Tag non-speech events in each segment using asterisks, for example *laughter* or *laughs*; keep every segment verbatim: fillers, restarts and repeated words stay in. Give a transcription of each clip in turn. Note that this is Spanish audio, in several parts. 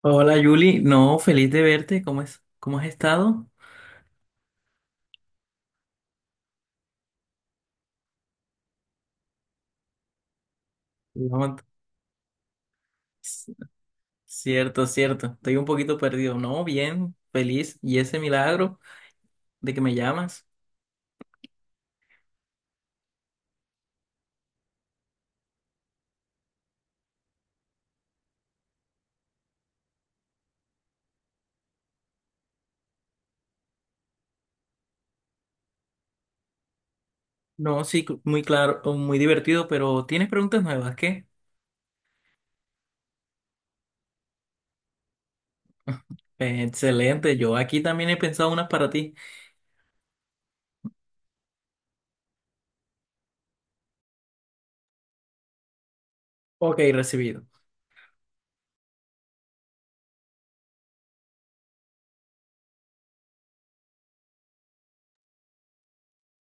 Hola Yuli, no, feliz de verte, ¿cómo es? ¿Cómo has estado? No, c- cierto, cierto, estoy un poquito perdido, no, bien, feliz, y ese milagro de que me llamas, no, sí, cl- muy claro, o muy divertido, pero tienes preguntas nuevas, ¿qué? Eh, Excelente, yo aquí también he pensado unas para ti. Ok, recibido.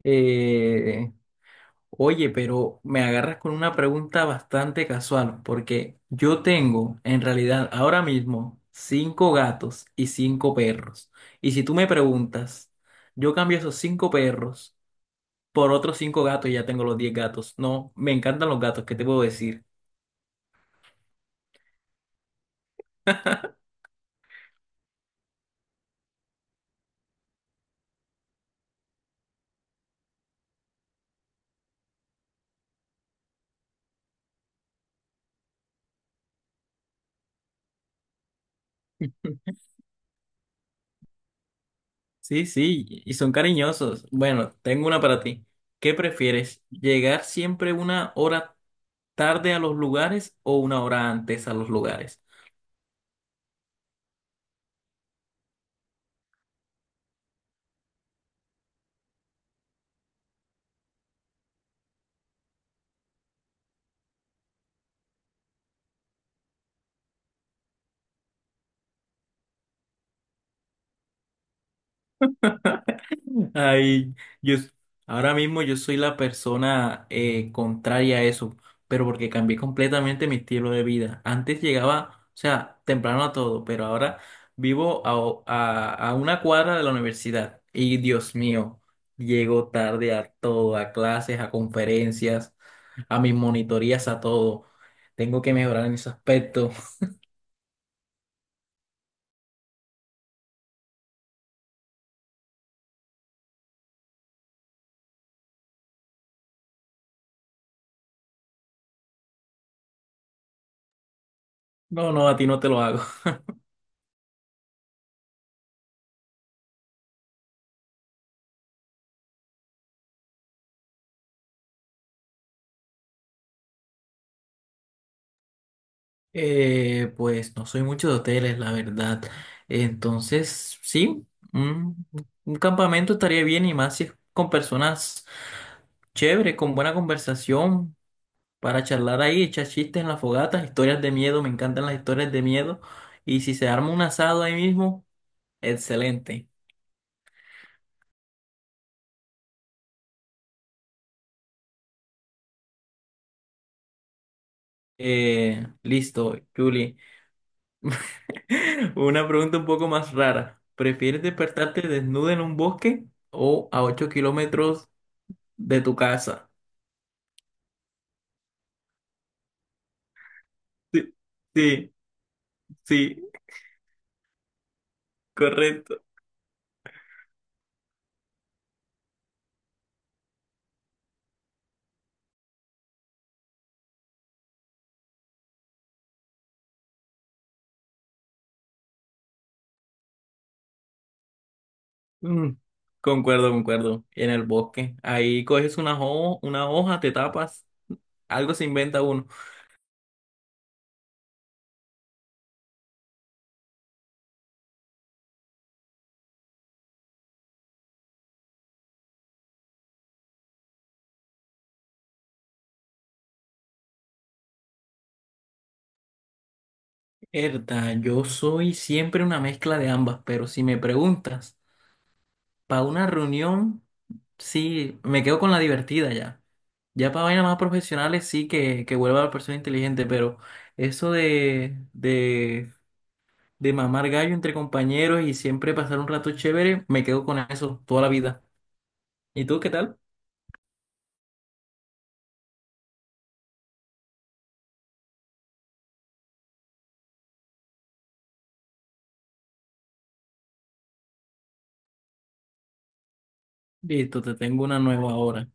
Eh, Oye, pero me agarras con una pregunta bastante casual, porque yo tengo, en realidad, ahora mismo, cinco gatos y cinco perros. Y si tú me preguntas, yo cambio esos cinco perros por otros cinco gatos y ya tengo los diez gatos. No, me encantan los gatos, ¿qué te puedo decir? *laughs* Sí, sí, y son cariñosos. Bueno, tengo una para ti. ¿Qué prefieres? ¿Llegar siempre una hora tarde a los lugares o una hora antes a los lugares? Ay, yo s- ahora mismo yo soy la persona eh, contraria a eso, pero porque cambié completamente mi estilo de vida. Antes llegaba, o sea, temprano a todo, pero ahora vivo a, o- a, a una cuadra de la universidad. Y Dios mío, llego tarde a todo, a clases, a conferencias, a mis monitorías, a todo. Tengo que mejorar en ese aspecto. *laughs* No, no, a ti no te lo hago. Eh, pues no soy mucho de hoteles, la verdad. Entonces, sí, un, un campamento estaría bien y más si es con personas chéveres, con buena conversación, para charlar ahí, echar chistes en la fogata, historias de miedo, me encantan las historias de miedo. Y si se arma un asado ahí mismo, excelente. Eh, listo, Julie. *laughs* Una pregunta un poco más rara. ¿Prefieres despertarte desnuda en un bosque o a ocho kilómetros de tu casa? Sí, sí, sí, correcto. Mm, concuerdo, concuerdo. En el bosque. Ahí coges una, ho- una hoja, te tapas. Algo se inventa uno. Herda, yo soy siempre una mezcla de ambas, pero si me preguntas, para una reunión, sí, me quedo con la divertida ya. Ya para vainas más profesionales sí que, que vuelva la persona inteligente, pero eso de, de, de mamar gallo entre compañeros y siempre pasar un rato chévere, me quedo con eso toda la vida. ¿Y tú qué tal? Listo, te tengo una nueva ahora.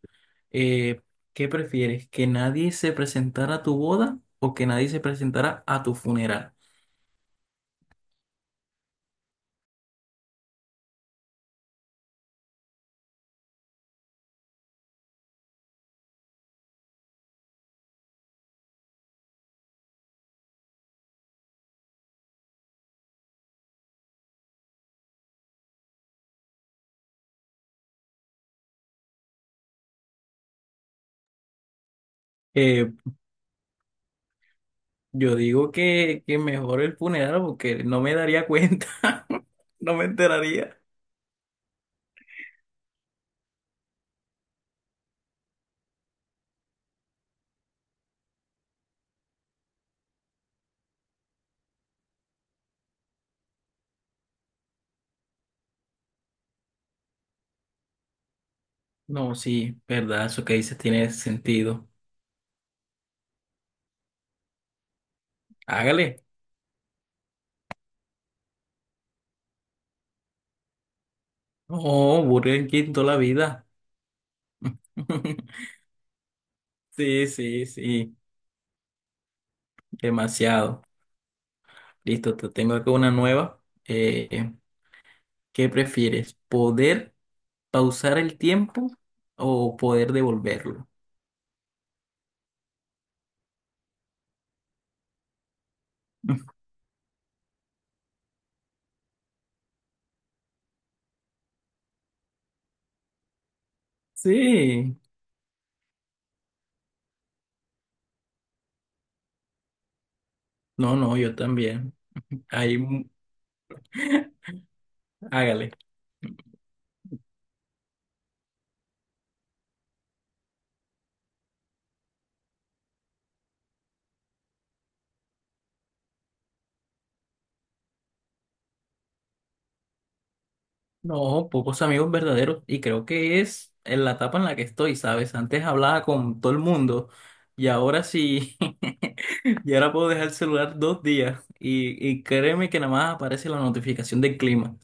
Eh, ¿qué prefieres? ¿Que nadie se presentara a tu boda o que nadie se presentara a tu funeral? Eh, yo digo que, que mejor el funeral porque no me daría cuenta, *laughs* no me enteraría. No, sí, verdad, eso que dices tiene sentido. Hágale. Oh, Burger King toda la vida. *laughs* Sí, sí, sí, demasiado. Listo, te tengo acá una nueva. Eh, ¿qué prefieres? ¿Poder? pausar el tiempo o poder devolverlo? *laughs* Sí, no, no, yo también. Ahí, mm, hágale. No, pocos amigos verdaderos y creo que es en la etapa en la que estoy, ¿sabes? Antes hablaba con todo el mundo y ahora sí, *laughs* y ahora puedo dejar el celular dos días y, y créeme que nada más aparece la notificación del clima.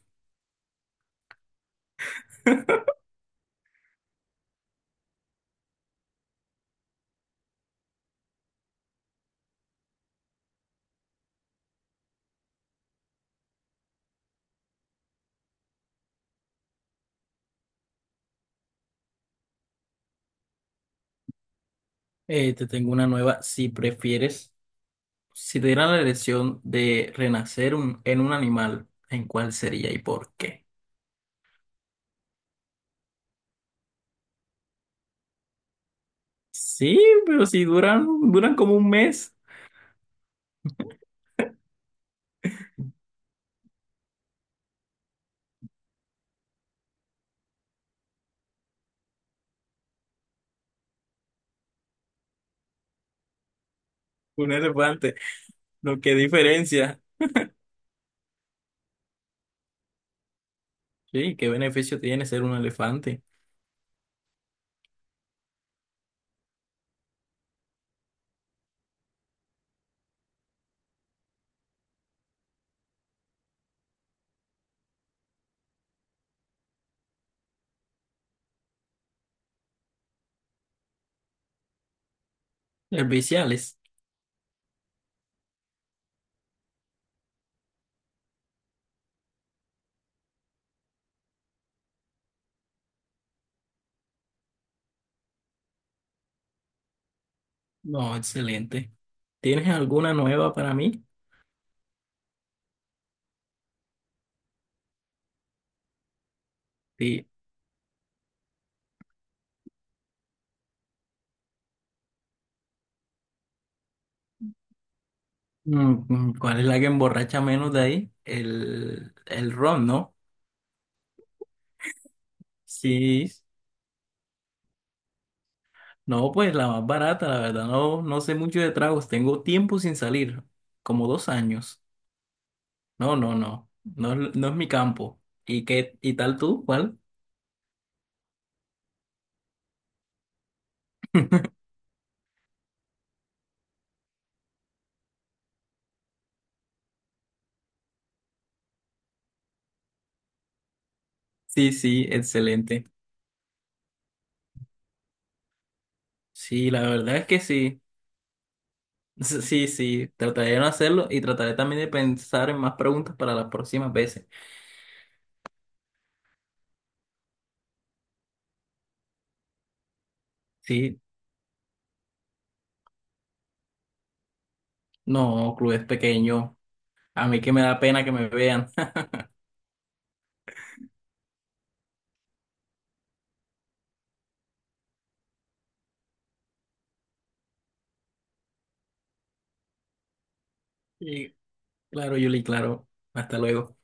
Eh, te tengo una nueva, si prefieres. Si te dieran la elección de renacer un- en un animal, ¿en cuál sería y por qué? Sí, pero si duran, duran como un mes, un elefante. No, qué diferencia. Sí, qué beneficio tiene ser un elefante. Serviciales. No, excelente. ¿Tienes alguna nueva para mí? Sí. Mm, mm, ¿cuál es la que emborracha menos de ahí? El, el ron, ¿no? Sí. No, pues la más barata, la verdad, no, no sé mucho de tragos, tengo tiempo sin salir, como dos años. No, no, no, no, es- no es mi campo. ¿Y qué, y tal tú? ¿Cuál? Sí, sí, excelente. Sí, la verdad es que sí. *laughs* S- sí, sí, trataré de no hacerlo y trataré también de pensar en más preguntas para las próximas veces. Sí, no, club es pequeño, a mí que me da pena que me vean. *laughs* Y claro, Yuli, claro, hasta luego.